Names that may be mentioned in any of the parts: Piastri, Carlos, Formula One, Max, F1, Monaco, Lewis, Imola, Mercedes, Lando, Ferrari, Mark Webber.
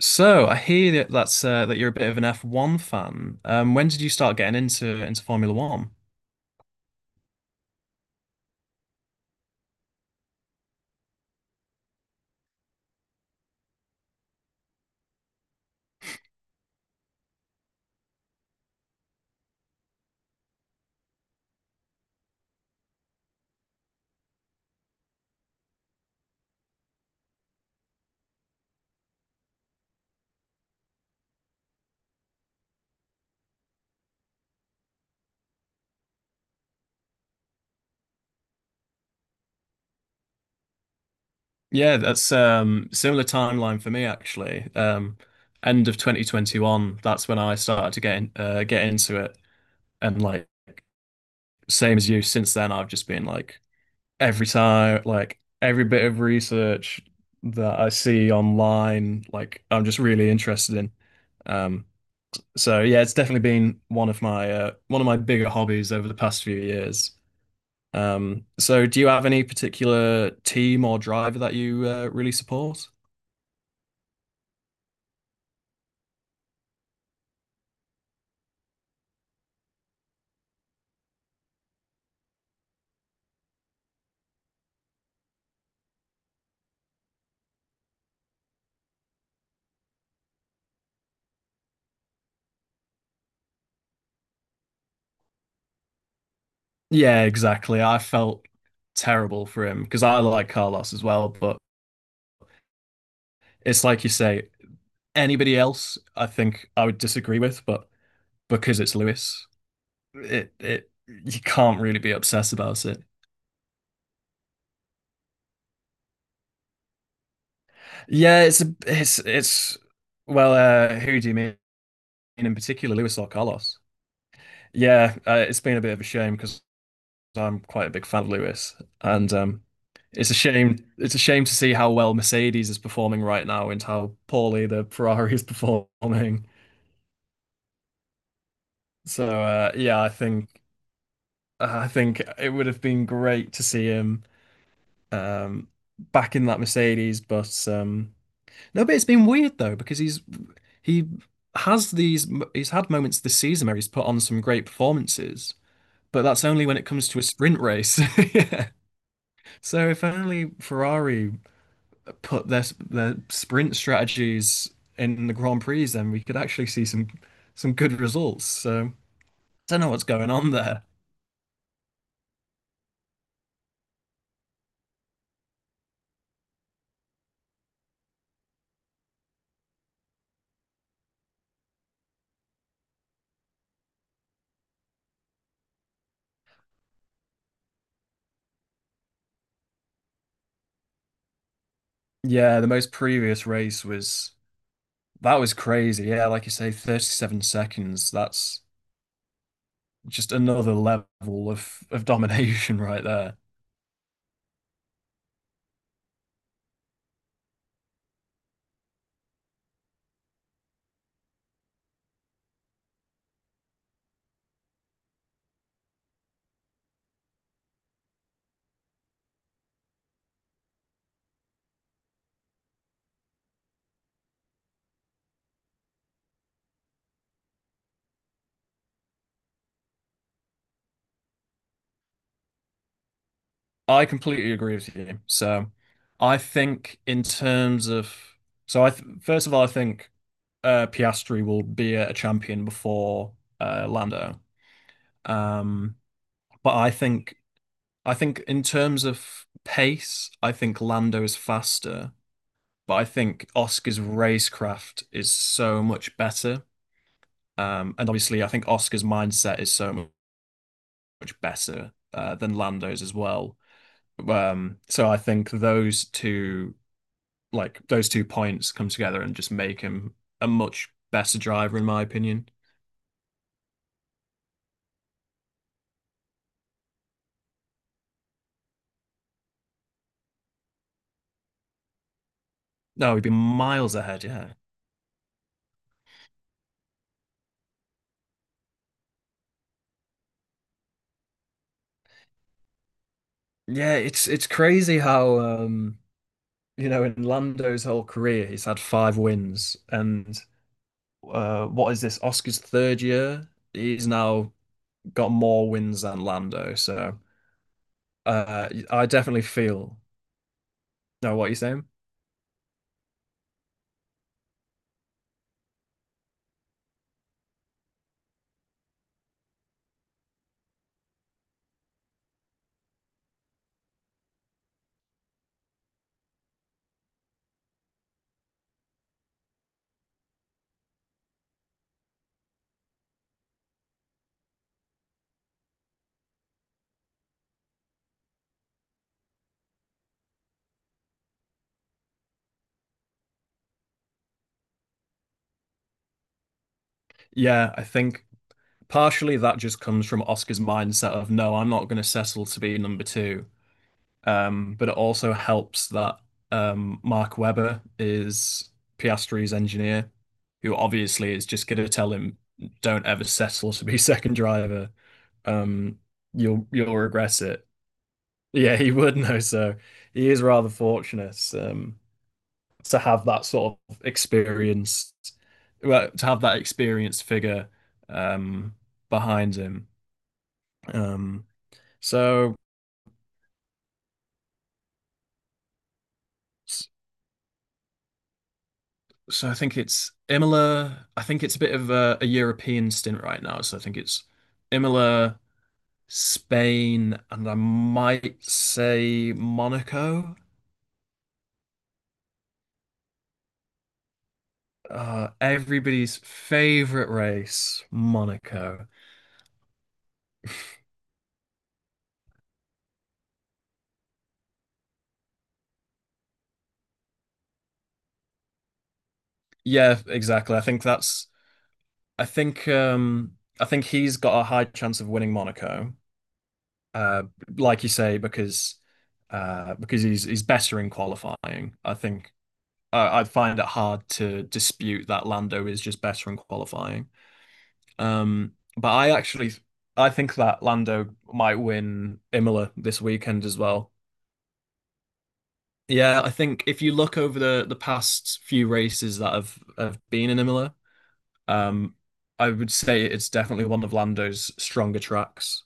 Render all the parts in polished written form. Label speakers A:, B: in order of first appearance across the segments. A: So I hear that you're a bit of an F1 fan. When did you start getting into Formula One? Yeah, that's similar timeline for me actually. End of 2021, that's when I started to get into it, and like same as you, since then I've just been like every time, like every bit of research that I see online, like I'm just really interested in. Um, So yeah, it's definitely been one of my bigger hobbies over the past few years. So do you have any particular team or driver that you really support? Yeah, exactly. I felt terrible for him because I like Carlos as well, but it's like you say, anybody else I think I would disagree with, but because it's Lewis, it you can't really be obsessed about it. Yeah. it's a, it's it's Well, who do you mean in particular, Lewis or Carlos? Yeah, it's been a bit of a shame because I'm quite a big fan of Lewis, and it's a shame. It's a shame to see how well Mercedes is performing right now and how poorly the Ferrari is performing. So, yeah, I think it would have been great to see him um, back in that Mercedes, but no, but it's been weird though because he's he has these he's had moments this season where he's put on some great performances, but that's only when it comes to a sprint race. Yeah. So if only Ferrari put their sprint strategies in the Grand Prix, then we could actually see some good results. So I don't know what's going on there. Yeah, the most previous race was that was crazy. Yeah, like you say, 37 seconds. That's just another level of domination right there. I completely agree with you. So I think in terms of so I th first of all I think. Piastri will be a champion before Lando. Um, but I think, in terms of pace, I think Lando is faster. But I think Oscar's racecraft is so much better. And obviously, I think Oscar's mindset is so much better than Lando's as well. So I think those two, like those two points, come together and just make him a much better driver, in my opinion. No, he'd be miles ahead. Yeah. Yeah, it's crazy how in Lando's whole career he's had five wins, and what is this, Oscar's third year? He's now got more wins than Lando. So I definitely feel. No, what are you saying? Yeah, I think partially that just comes from Oscar's mindset of, no, I'm not going to settle to be number two. But it also helps that Mark Webber is Piastri's engineer, who obviously is just going to tell him, "Don't ever settle to be second driver. Um, you'll regret it." Yeah, he would know. So he is rather fortunate to have that sort of experience, well, to have that experienced figure um, behind him. Um, so. So I think it's Imola. I think it's a bit of a European stint right now. So I think it's Imola, Spain, and I might say Monaco. Everybody's favorite race, Monaco. Yeah, exactly. I think that's. I think. I think he's got a high chance of winning Monaco. Uh, like you say, because he's better in qualifying. I think I'd find it hard to dispute that Lando is just better in qualifying. But I actually I think that Lando might win Imola this weekend as well. Yeah, I think if you look over the past few races that have been in Imola, um, I would say it's definitely one of Lando's stronger tracks.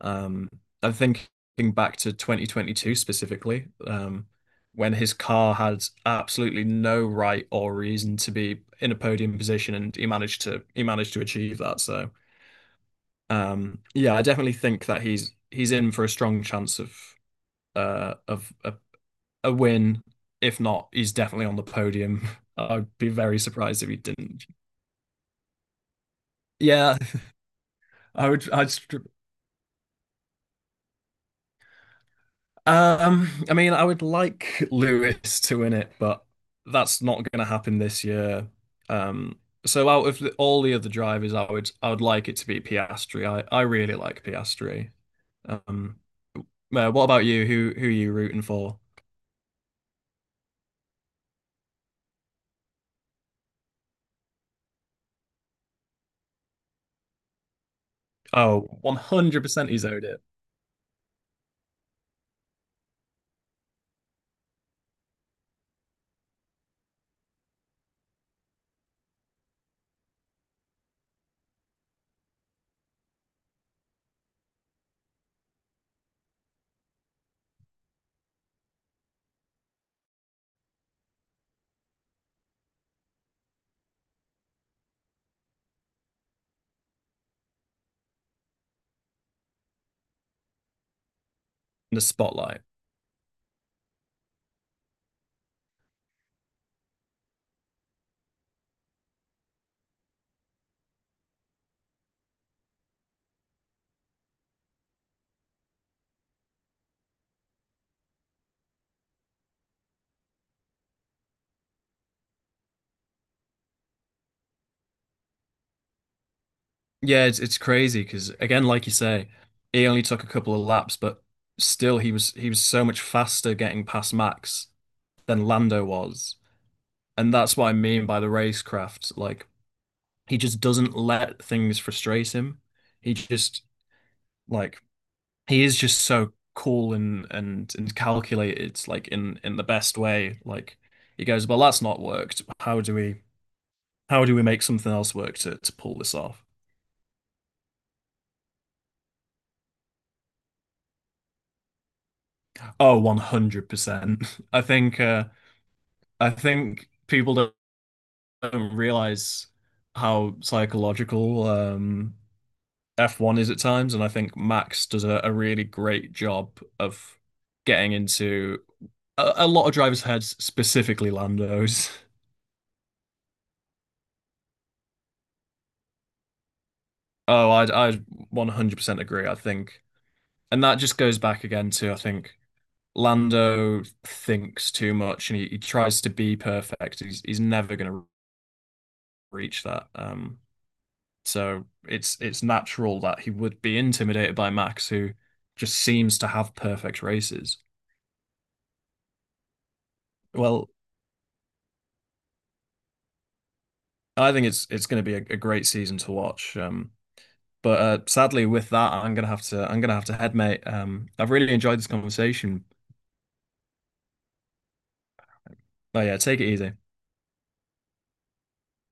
A: Um, I'm thinking back to 2022 specifically, when his car had absolutely no right or reason to be in a podium position, and he managed to achieve that. So, yeah, I definitely think that he's in for a strong chance of a win. If not, he's definitely on the podium. I'd be very surprised if he didn't. Yeah, I would. I mean, I would like Lewis to win it, but that's not going to happen this year. Um, so out of all the other drivers, I would like it to be Piastri. I really like Piastri. Um, what about you? Who are you rooting for? Oh, 100% he's owed it. In the spotlight. Yeah, it's crazy because again, like you say, he only took a couple of laps, but still he was so much faster getting past Max than Lando was. And that's what I mean by the racecraft. Like he just doesn't let things frustrate him. He just Like he is just so cool and calculated, like in the best way. Like he goes, well, that's not worked. How do we make something else work to pull this off? Oh, 100%. I think people don't realize how psychological F1 is at times, and I think Max does a really great job of getting into a lot of drivers' heads, specifically Lando's. Oh, I'd 100% agree, I think. And that just goes back again to, I think, Lando thinks too much and he tries to be perfect. He's never going to reach that. So it's natural that he would be intimidated by Max, who just seems to have perfect races. Well, I think it's going to be a great season to watch. But sadly, with that, I'm gonna have to head, mate. I've really enjoyed this conversation. But yeah, take it easy.